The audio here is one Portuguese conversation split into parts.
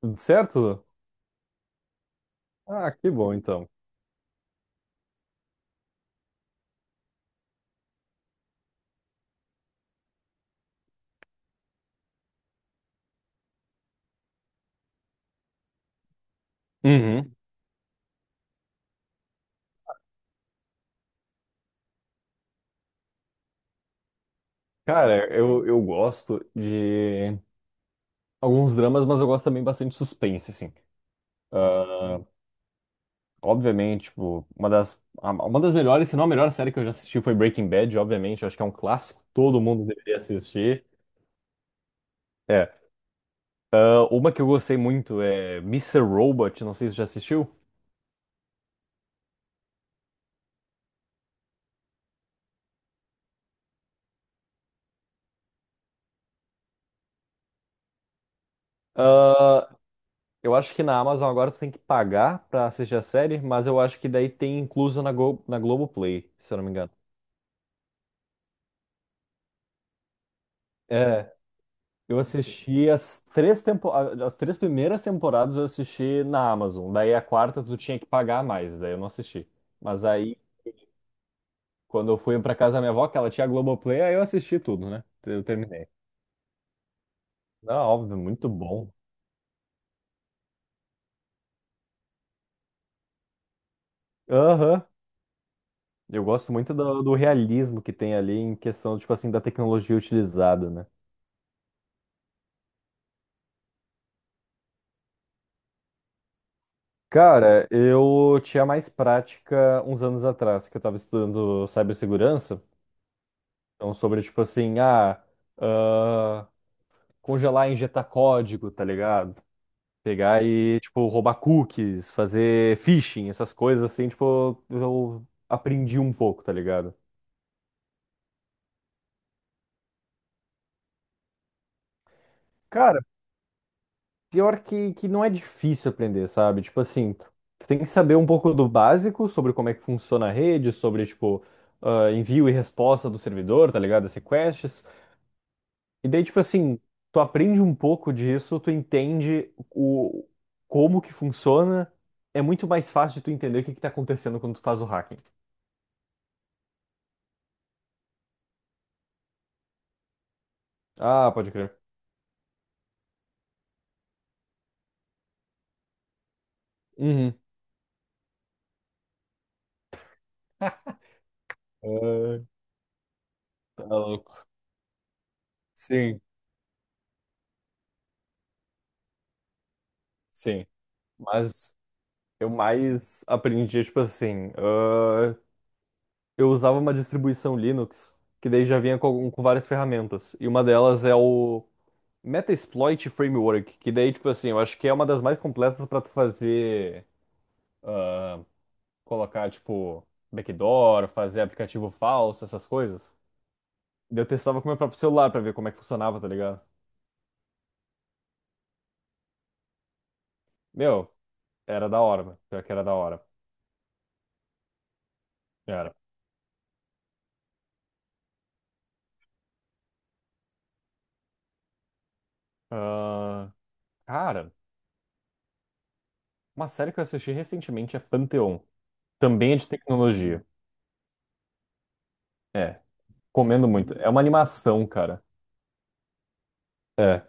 Tudo certo? Ah, que bom então. Uhum. Cara, eu gosto de alguns dramas, mas eu gosto também bastante de suspense, assim. Ah, Obviamente, tipo, uma das melhores, se não a melhor série que eu já assisti foi Breaking Bad, obviamente. Eu acho que é um clássico, todo mundo deveria assistir. É. Ah, uma que eu gostei muito é Mr. Robot, não sei se você já assistiu. Ah, eu acho que na Amazon agora você tem que pagar pra assistir a série, mas eu acho que daí tem incluso na Globoplay, se eu não me engano. É, eu assisti as três primeiras temporadas eu assisti na Amazon. Daí a quarta tu tinha que pagar mais, daí eu não assisti. Mas aí, quando eu fui pra casa da minha avó, que ela tinha Globoplay, aí eu assisti tudo, né? Eu terminei. Não, óbvio, muito bom. Aham. Eu gosto muito do realismo que tem ali em questão, tipo assim, da tecnologia utilizada, né? Cara, eu tinha mais prática uns anos atrás, que eu tava estudando cibersegurança. Então, sobre, tipo assim, ah, congelar e injetar código, tá ligado? Pegar e, tipo, roubar cookies, fazer phishing, essas coisas assim, tipo, eu aprendi um pouco, tá ligado? Cara, pior que não é difícil aprender, sabe? Tipo assim, tu tem que saber um pouco do básico sobre como é que funciona a rede, sobre, tipo, envio e resposta do servidor, tá ligado? As requests. E daí, tipo assim, tu aprende um pouco disso, tu entende o como que funciona. É muito mais fácil de tu entender o que que tá acontecendo quando tu faz o hacking. Ah, pode crer. Uhum. Ah, tá louco. Sim, sim, mas eu mais aprendi, tipo assim, eu usava uma distribuição Linux que daí já vinha com várias ferramentas, e uma delas é o Metasploit Framework, que daí, tipo assim, eu acho que é uma das mais completas para tu fazer ah, colocar, tipo, backdoor, fazer aplicativo falso, essas coisas. Daí eu testava com o meu próprio celular pra ver como é que funcionava, tá ligado? Meu, era da hora, mano. Pior que era da hora. Era. Ah, cara, uma série que eu assisti recentemente é Pantheon. Também é de tecnologia. É, comendo muito. É uma animação, cara. É.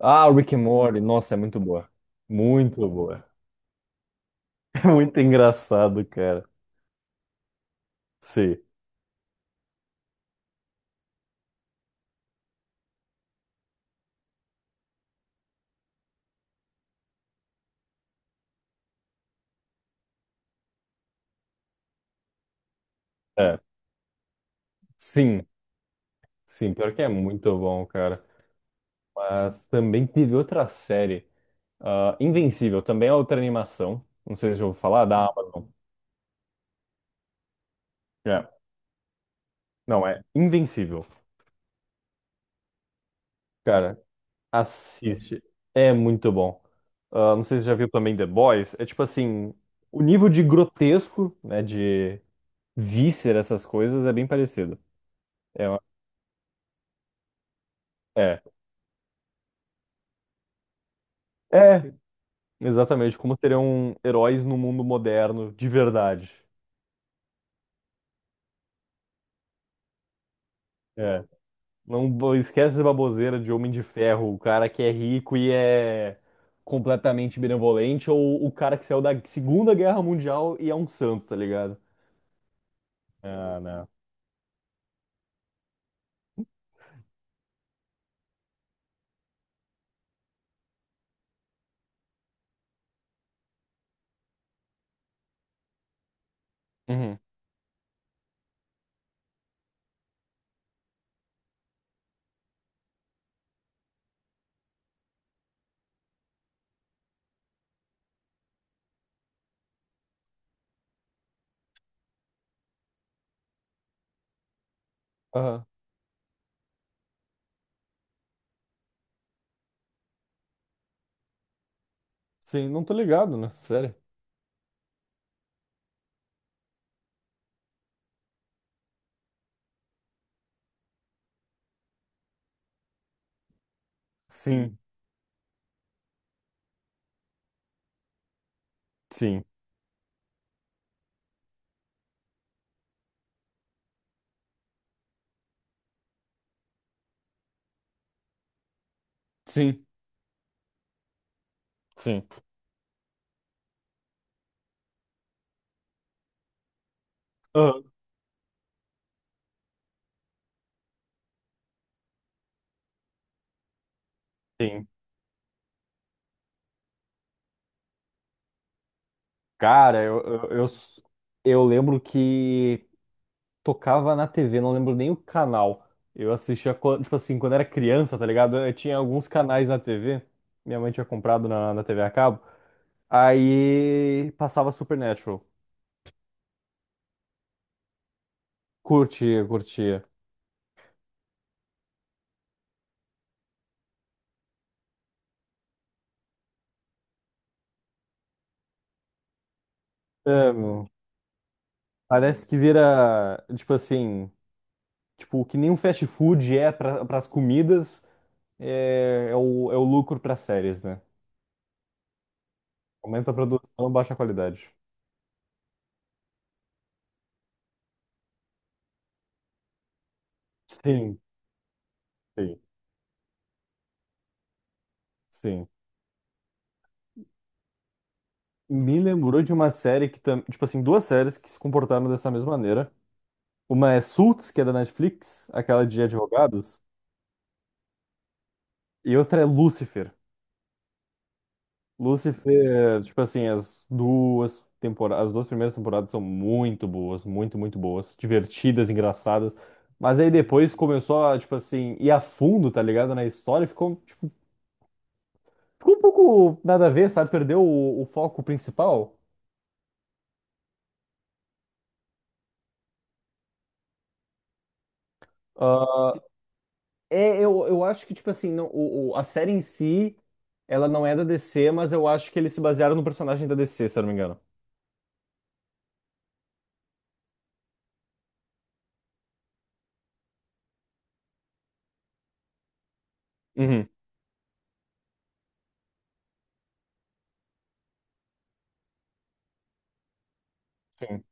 Ah, Rick and Morty, nossa, é muito boa. Muito boa. É muito engraçado, cara. Sim, é. Sim, sim, pior que é muito bom, cara. Mas também teve outra série, Invencível, também é outra animação. Não sei se eu vou falar, da Amazon. É, não, é Invencível. Cara, assiste. É muito bom. Ah, não sei se você já viu também The Boys. É tipo assim, o nível de grotesco, né, de víscera, essas coisas, é bem parecido. É, uma- é, é exatamente como seriam heróis no mundo moderno, de verdade. É. Não bo- Esquece essa baboseira de Homem de Ferro, o cara que é rico e é completamente benevolente, ou o cara que saiu da Segunda Guerra Mundial e é um santo, tá ligado? Ah, não. Uhum. Aham. Sim, não tô ligado nessa série. Sim, hum, sim, sim, sim. Aham. Sim. Cara, eu, s- eu lembro que. Tocava na TV, não lembro nem o canal. Tipo assim, quando era criança, tá ligado? Eu tinha alguns canais na TV. Minha mãe tinha comprado na TV a cabo. Aí passava Supernatural. Curtia, curtia. É, parece que vira, tipo assim, tipo, o que nem um fast food é para as comidas, é o lucro para séries, né? Aumenta a produção, baixa a qualidade. Sim, sim, sim. Me lembrou de uma série tipo assim, duas séries que se comportaram dessa mesma maneira. Uma é Suits, que é da Netflix, aquela de advogados, e outra é Lucifer. Lucifer, tipo assim, as duas primeiras temporadas são muito boas, muito, muito boas, divertidas, engraçadas. Mas aí depois começou a, tipo assim, ir a fundo, tá ligado, na história, ficou, tipo, ficou um pouco nada a ver, sabe? Perdeu o foco principal. Ah, é, eu acho que, tipo assim, não, a série em si, ela não é da DC, mas eu acho que eles se basearam no personagem da DC, se eu não me engano. Uhum, sim.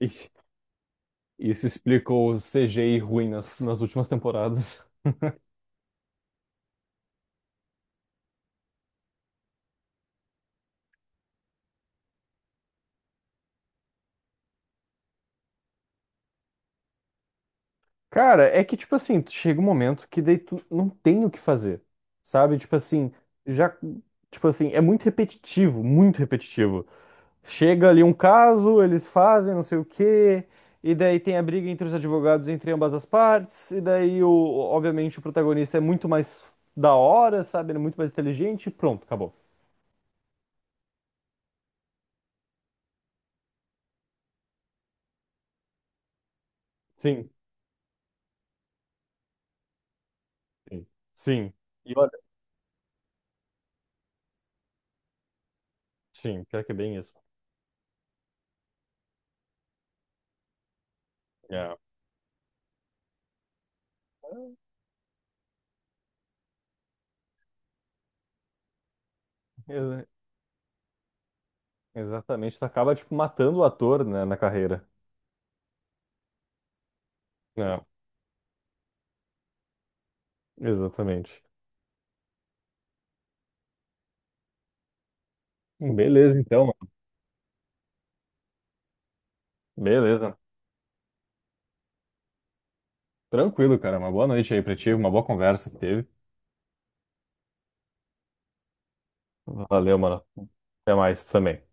Isso, isso explica o CGI ruim nas, nas últimas temporadas. Cara, é que, tipo assim, chega um momento que daí tu não tem o que fazer, sabe? Tipo assim, já, tipo assim, é muito repetitivo, muito repetitivo. Chega ali um caso, eles fazem não sei o quê, e daí tem a briga entre os advogados entre ambas as partes, e daí, o, obviamente, o protagonista é muito mais da hora, sabe? Ele é muito mais inteligente, e pronto, acabou. Sim, sim, sim. E olha, sim, pior que é bem isso. É. Ex- Exatamente, tu acaba, tipo, matando o ator, né, na carreira. É, exatamente. Beleza, então, mano. Beleza. Tranquilo, cara. Uma boa noite aí pra ti, uma boa conversa que teve. Valeu, mano. Até mais também.